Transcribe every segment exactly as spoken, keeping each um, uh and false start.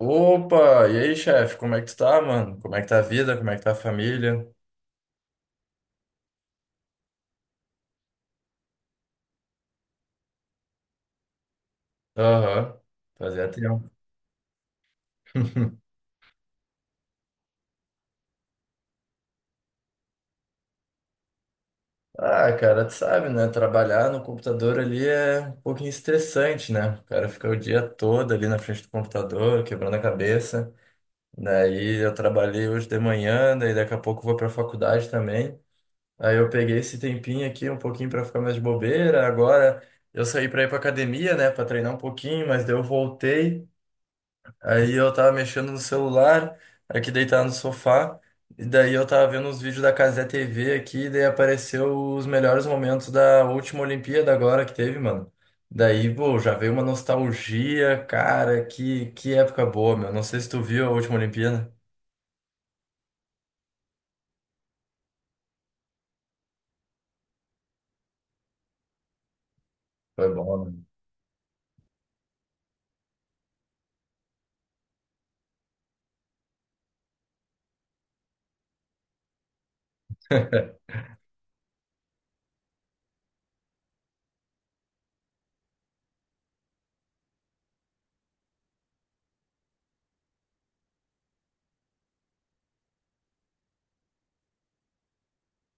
Opa, e aí, chefe, como é que tu tá, mano? Como é que tá a vida? Como é que tá a família? Aham, fazia tempo. Ah, cara, tu sabe, né? Trabalhar no computador ali é um pouquinho estressante, né? O cara fica o dia todo ali na frente do computador, quebrando a cabeça. Daí eu trabalhei hoje de manhã, daí daqui a pouco eu vou pra faculdade também. Aí eu peguei esse tempinho aqui um pouquinho pra ficar mais de bobeira. Agora eu saí pra ir pra academia, né? Pra treinar um pouquinho, mas daí eu voltei. Aí eu tava mexendo no celular, aqui deitado no sofá, e daí eu tava vendo uns vídeos da Cazé tê vê aqui, e daí apareceu os melhores momentos da última Olimpíada agora que teve, mano. Daí, pô, já veio uma nostalgia, cara, que, que época boa, meu. Não sei se tu viu a última Olimpíada. Foi bom, né?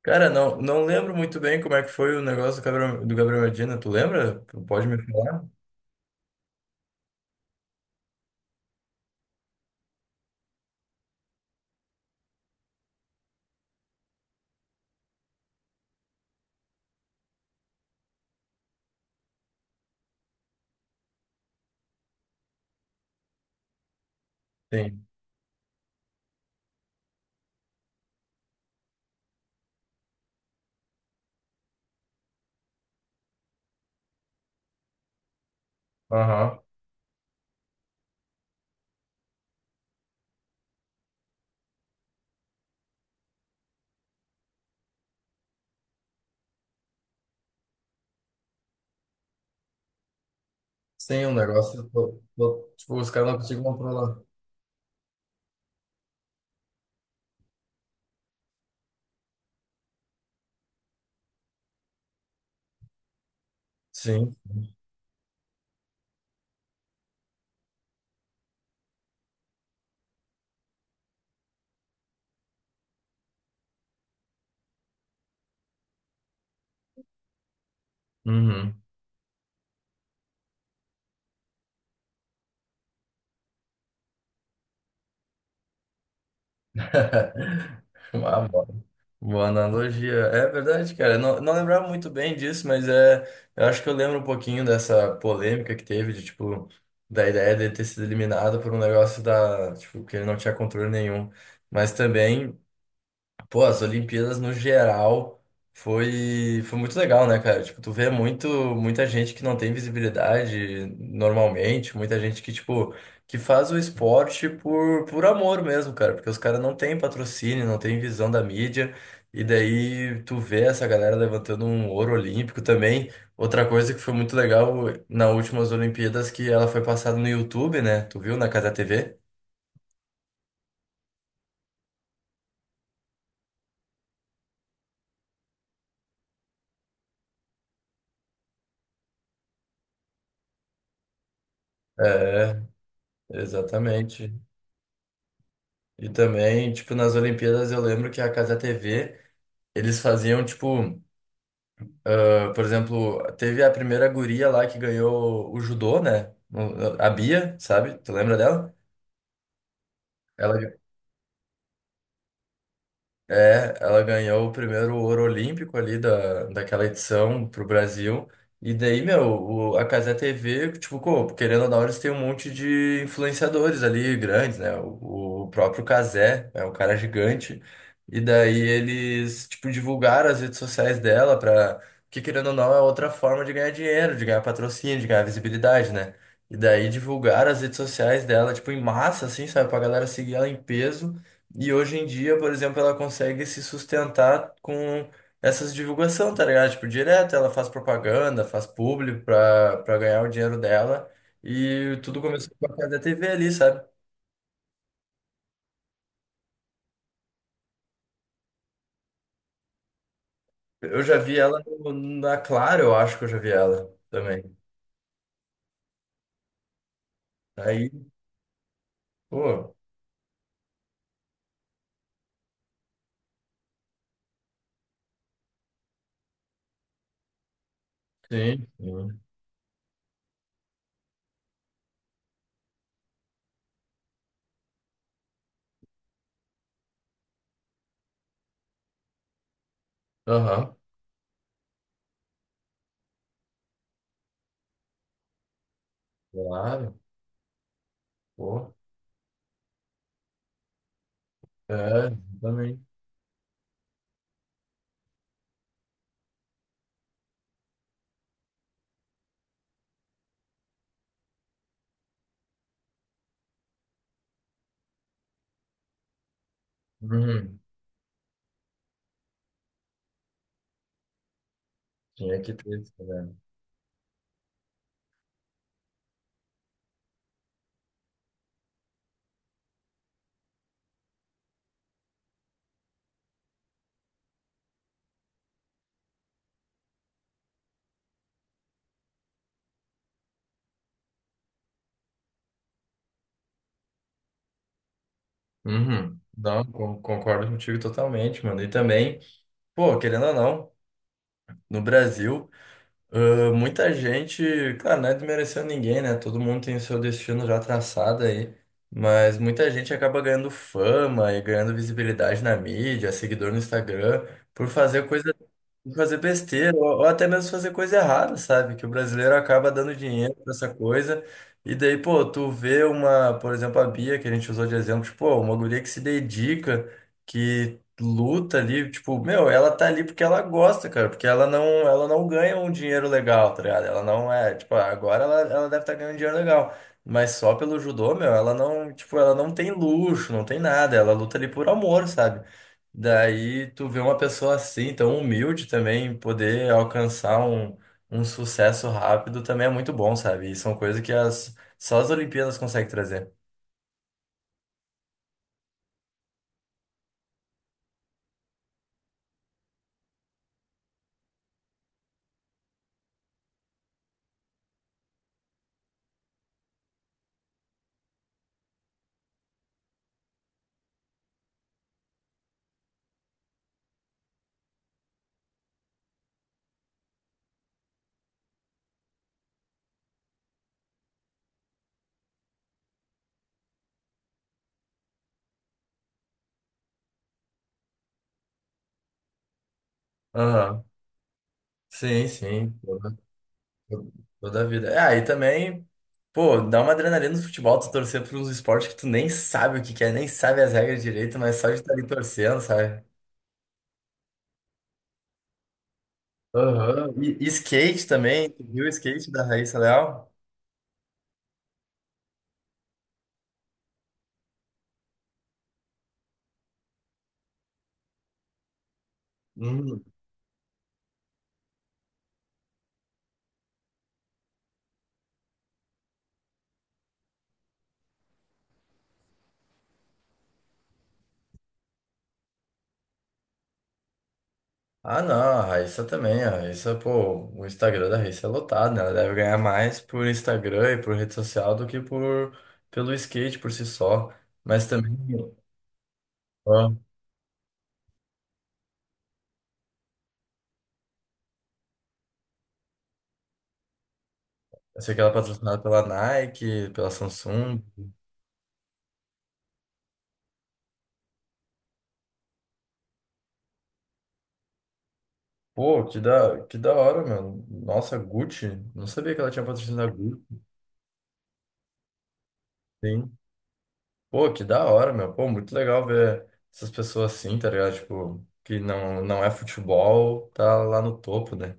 Cara, não, não lembro muito bem como é que foi o negócio do Gabriel, do Gabriel Medina. Tu lembra? Tu pode me falar? Sim. Aham. Sim, o negócio. Pô, pô, tipo, os caras não conseguem controlar. Sim. Uhum. Ah, boa, boa analogia. É verdade, cara. Eu não, não lembrava muito bem disso, mas é, eu acho que eu lembro um pouquinho dessa polêmica que teve, de tipo, da ideia de ter sido eliminado por um negócio da, tipo, que ele não tinha controle nenhum. Mas também. Pô, as Olimpíadas no geral foi, foi muito legal, né, cara? Tipo, tu vê muito, muita gente que não tem visibilidade normalmente, muita gente que, tipo, que faz o esporte por, por amor mesmo, cara, porque os caras não têm patrocínio, não têm visão da mídia, e daí tu vê essa galera levantando um ouro olímpico também. Outra coisa que foi muito legal nas últimas Olimpíadas que ela foi passada no YouTube, né? Tu viu na Casa tê vê? É, exatamente. E também, tipo, nas Olimpíadas eu lembro que a Casa tê vê, eles faziam, tipo, ah, por exemplo, teve a primeira guria lá que ganhou o judô, né? O- a Bia, sabe? Tu lembra dela? Ela é, ela ganhou o primeiro ouro olímpico ali da, daquela edição pro Brasil. E daí, meu, o- a Cazé tê vê, tipo, co- querendo ou não, eles têm um monte de influenciadores ali grandes, né? O, o próprio Cazé é um cara gigante. E daí eles, tipo, divulgaram as redes sociais dela pra... Que, querendo ou não, é outra forma de ganhar dinheiro, de ganhar patrocínio, de ganhar visibilidade, né? E daí divulgaram as redes sociais dela, tipo, em massa, assim, sabe? Pra galera seguir ela em peso. E hoje em dia, por exemplo, ela consegue se sustentar com essas divulgação, tá ligado? Tipo, direto, ela faz propaganda, faz publi pra, pra ganhar o dinheiro dela. E tudo começou com a casa da tê vê ali, sabe? Eu já vi ela no- na Claro, eu acho que eu já vi ela também. Aí, pô, sim, sim. Aham, claro, pô. É, também. Uhum. Tinha que ter isso, né? Uhum. Não, con- concordo contigo totalmente, mano. E também, pô, querendo ou não. No Brasil. Ah, muita gente, claro, não é desmerecendo ninguém, né? Todo mundo tem o seu destino já traçado aí. Mas muita gente acaba ganhando fama e ganhando visibilidade na mídia, seguidor no Instagram, por fazer coisa. Fazer besteira, ou, ou até mesmo fazer coisa errada, sabe? Que o brasileiro acaba dando dinheiro pra essa coisa. E daí, pô, tu vê uma, por exemplo, a Bia, que a gente usou de exemplo, tipo, pô, uma guria que se dedica, que luta ali, tipo, meu, ela tá ali porque ela gosta, cara, porque ela não, ela não ganha um dinheiro legal, tá ligado? Ela não é, tipo, agora ela, ela deve estar ganhando dinheiro legal. Mas só pelo judô, meu, ela não, tipo, ela não tem luxo, não tem nada, ela luta ali por amor, sabe? Daí tu vê uma pessoa assim, tão humilde também, poder alcançar um, um sucesso rápido também é muito bom, sabe? E são coisas que as, só as Olimpíadas conseguem trazer. Aham. Sim, sim. Toda, toda a vida. É, aí também, pô, dá uma adrenalina no futebol, tu torcer por uns esportes que tu nem sabe o que que é, nem sabe as regras direito, mas só de estar ali torcendo, sabe? Aham. E, e skate também, tu viu o skate da Raíssa Leal? Ah, não, a Raíssa também, a Raíssa, pô, o Instagram da Raíssa é lotado, né? Ela deve ganhar mais por Instagram e por rede social do que por pelo skate por si só. Mas também, ó, eu sei que ela é patrocinada pela Nike, pela Samsung. Pô, que da, que da hora, meu. Nossa, Gucci. Não sabia que ela tinha patrocinado a Gucci, sim. Pô, que da hora, meu. Pô, muito legal ver essas pessoas assim, tá ligado? Tipo, que não, não é futebol, tá lá no topo, né?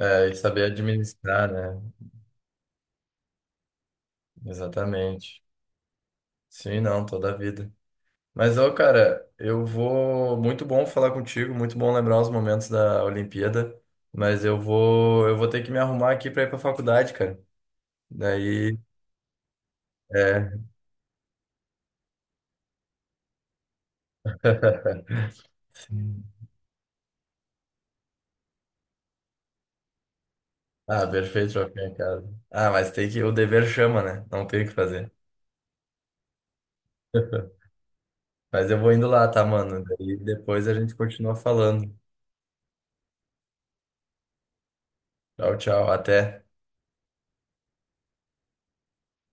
É, e saber administrar, né? Exatamente. Sim, não, toda a vida. Mas, ô, cara, eu vou. Muito bom falar contigo, muito bom lembrar os momentos da Olimpíada. Mas eu vou, eu vou ter que me arrumar aqui pra ir pra faculdade, cara. Daí, é. Sim. Ah, perfeito, já fiquei em casa. Ah, mas tem que. O dever chama, né? Não tem o que fazer. Mas eu vou indo lá, tá, mano? Daí depois a gente continua falando. Tchau, tchau. Até.